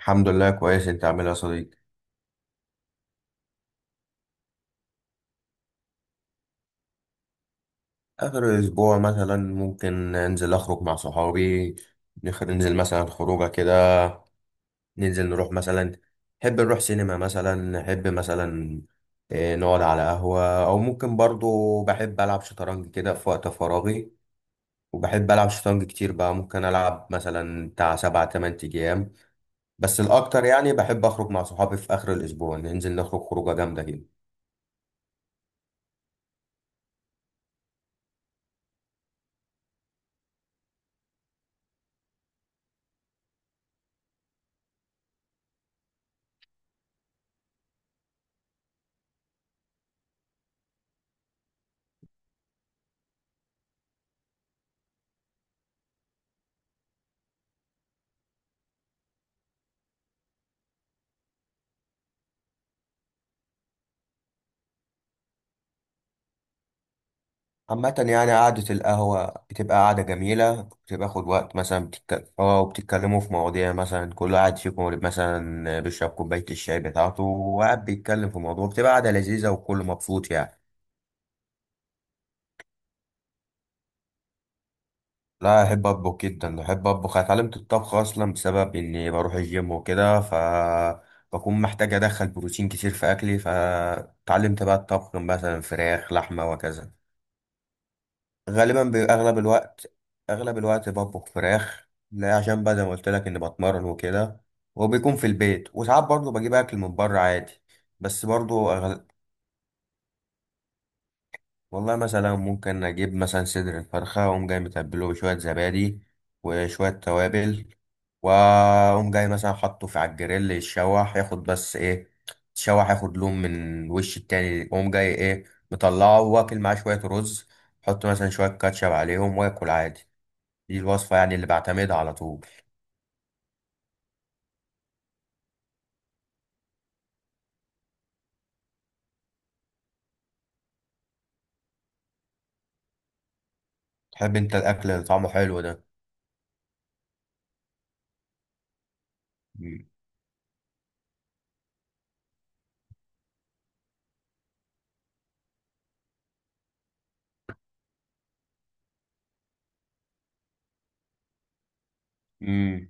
الحمد لله كويس. انت عامل ايه يا صديقي؟ اخر اسبوع مثلا ممكن انزل اخرج مع صحابي. ننزل مثلا خروجه كده. ننزل نروح مثلا، نحب نروح سينما مثلا نحب مثلا. اه، نقعد على قهوه او ممكن برضو بحب العب شطرنج كده في وقت فراغي. وبحب العب شطرنج كتير بقى، ممكن العب مثلا بتاع 7 8 ايام. بس الاكتر يعني بحب اخرج مع صحابي في اخر الاسبوع ننزل نخرج خروجه جامده كده. عامة يعني قعدة القهوة بتبقى قعدة جميلة بتاخد وقت مثلا بتتك... اه وبتتكلموا في مواضيع مثلا كل واحد فيكم مثلا بيشرب كوباية الشاي بتاعته وقاعد بيتكلم في موضوع، بتبقى قعدة لذيذة والكل مبسوط يعني. لا أحب أطبخ جدا، أحب أطبخ. أنا اتعلمت الطبخ أصلا بسبب إني بروح الجيم وكده، ف بكون محتاج أدخل بروتين كتير في أكلي، فتعلمت بقى الطبخ مثلا فراخ لحمة وكذا. غالبا بيبقى اغلب الوقت، بطبخ فراخ، لا عشان بقى زي ما قلت لك اني بتمرن وكده. وبيكون في البيت، وساعات برضه بجيب اكل من بره عادي. بس برضه والله مثلا ممكن اجيب مثلا صدر الفرخه واقوم جاي متبله بشويه زبادي وشويه توابل، واقوم جاي مثلا حاطه في على الجريل يتشوح ياخد بس ايه، يتشوح ياخد لون من وش التاني، اقوم جاي ايه مطلعه واكل معاه شويه رز. حط مثلا شويه كاتشب عليهم واكل عادي. دي الوصفة يعني اللي بعتمدها على طول. تحب انت الاكل اللي طعمه حلو ده؟ امم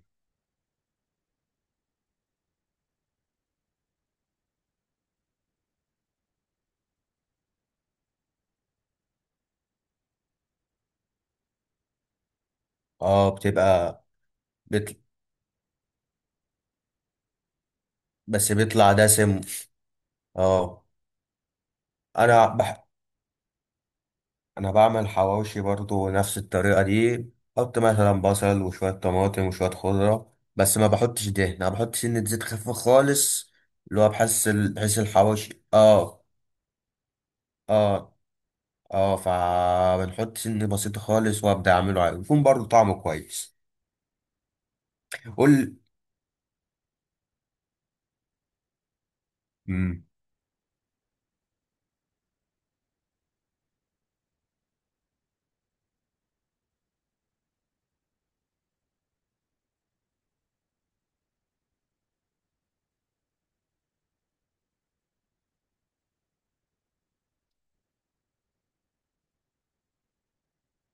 اه، بتبقى بت... بس بيطلع دسم. اه، انا بح... انا بعمل حواوشي برضو نفس الطريقة دي. حط مثلا بصل وشوية طماطم وشوية خضرة، بس ما بحطش دهن، انا بحط سنة زيت خفيفة خالص. اللي هو بحس الحواوشي اه اه فبنحط سنة بسيطة خالص وابدا اعمله عادي. يكون برضو طعمه كويس. قول. مم.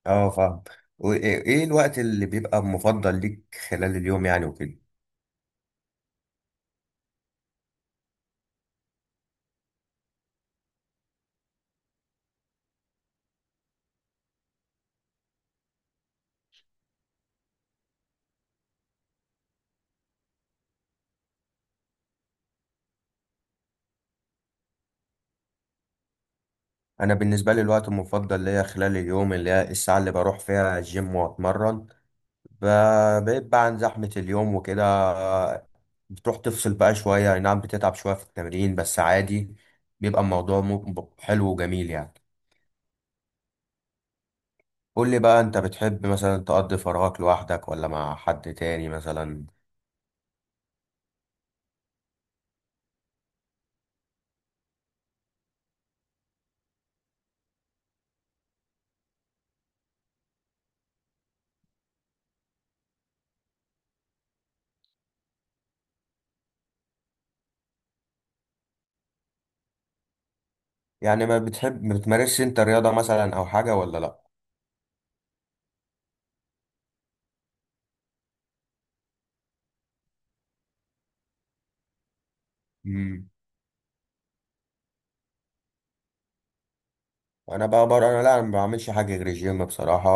اه فاهم. وايه إيه الوقت اللي بيبقى مفضل ليك خلال اليوم يعني وكده؟ انا بالنسبه لي الوقت المفضل ليا خلال اليوم اللي هي الساعه اللي بروح فيها الجيم واتمرن. بيبقى عن زحمه اليوم وكده. بتروح تفصل بقى شويه، أي نعم بتتعب شويه في التمرين بس عادي. بيبقى الموضوع حلو وجميل يعني. قول لي بقى، انت بتحب مثلا تقضي فراغك لوحدك ولا مع حد تاني مثلا؟ يعني ما بتحب، ما بتمارسش انت رياضه مثلا او حاجه ولا لا؟ مم. انا بقى بره انا، لا انا ما بعملش حاجه غير الجيم بصراحه.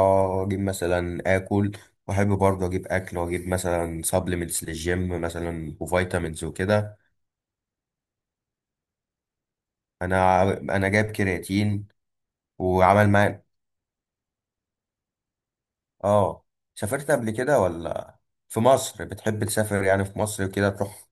اجيب مثلا اكل، واحب برضه اجيب اكل واجيب مثلا سبلمنتس للجيم مثلا وفيتامينز وكده. انا جايب كرياتين وعمل معايا. اه، سافرت قبل كده ولا؟ في مصر بتحب تسافر يعني؟ في مصر كده تروح؟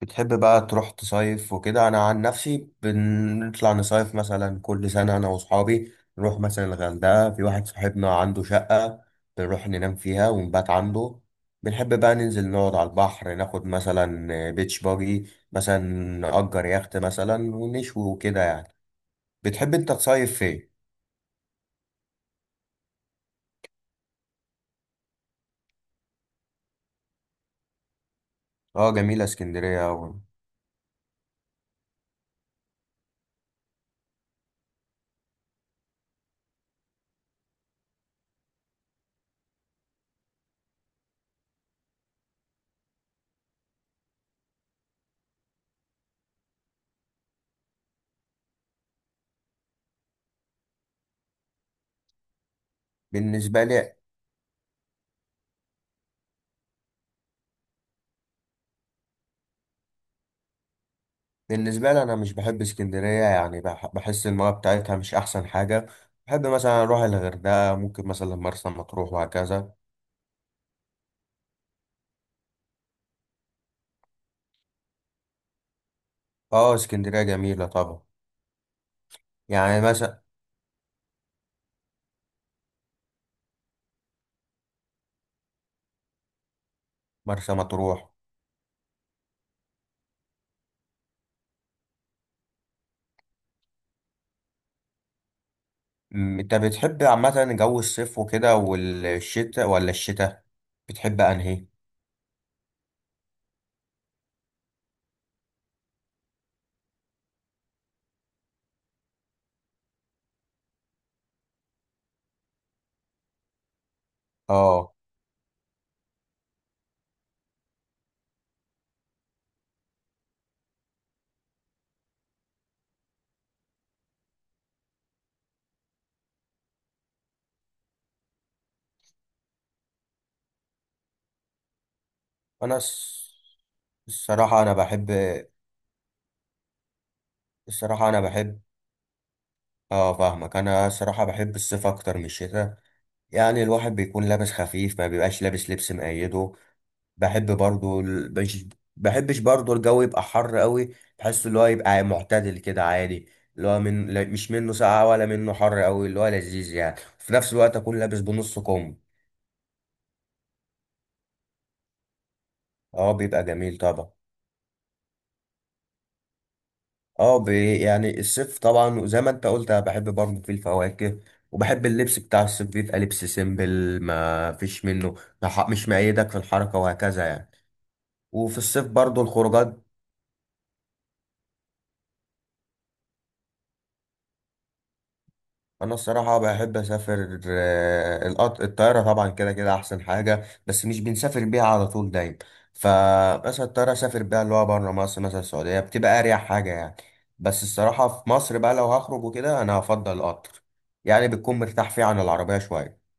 بتحب بقى تروح تصيف وكده؟ انا عن نفسي بنطلع نصيف مثلا كل سنه انا واصحابي. نروح مثلا الغردقه، في واحد صاحبنا عنده شقه بنروح ننام فيها ونبات عنده. بنحب بقى ننزل نقعد على البحر ناخد مثلا بيتش باجي مثلا، نأجر يخت مثلا ونشوي وكده يعني. بتحب انت تصيف فين؟ اه جميله اسكندريه أوي. بالنسبه لي، بالنسبة لي أنا مش بحب اسكندرية يعني. بحس المياه بتاعتها مش أحسن حاجة. بحب مثلا أروح الغردقة، ممكن مثلا مرسى مطروح وهكذا. أه اسكندرية جميلة طبعا. يعني مثلا مرسى مطروح. أنت بتحب عامة جو الصيف وكده والشتاء، ولا الشتاء؟ بتحب أنهي؟ أه أنا الصراحة أنا بحب، الصراحة أنا بحب. أه فاهمك، أنا الصراحة بحب الصيف أكتر من الشتاء. يعني الواحد بيكون لابس خفيف، ما بيبقاش لابس لبس مقيده. بحب برضو مش بحبش برضو الجو يبقى حر قوي. بحس اللي هو يبقى معتدل كده عادي، اللي هو من لا- مش منه ساقع ولا منه حر قوي، اللي هو لذيذ يعني وفي نفس الوقت اكون لابس بنص كم. اه بيبقى جميل طبعا. يعني الصيف طبعا زي ما انت قلت أنا بحب برضو فيه الفواكه، وبحب اللبس بتاع الصيف بيبقى لبس سيمبل، ما فيش منه ما ح- مش مقيدك في الحركة وهكذا يعني. وفي الصيف برضو الخروجات. انا الصراحه بحب اسافر. الطياره طبعا كده كده احسن حاجه، بس مش بنسافر بيها على طول دايما. فمثلا الطياره اسافر بيها اللي هو بره مصر مثلا السعوديه بتبقى اريح حاجه يعني. بس الصراحه في مصر بقى لو هخرج وكده انا هفضل القطر. يعني بتكون مرتاح فيه عن العربيه شويه.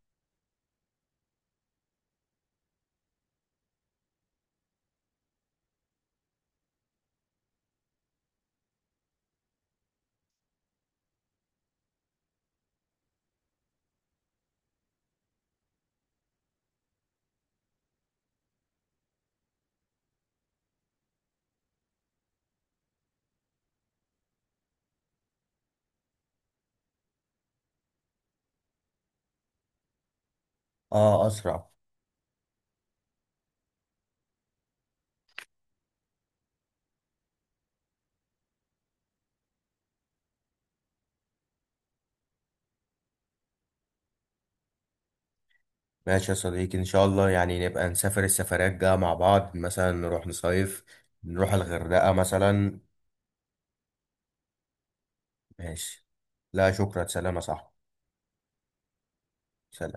اه اسرع. ماشي يا صديقي، ان شاء الله يعني نبقى نسافر السفرات الجايه مع بعض مثلا، نروح نصيف نروح الغردقه مثلا. ماشي. لا شكرا، سلام يا صاحبي. سلام.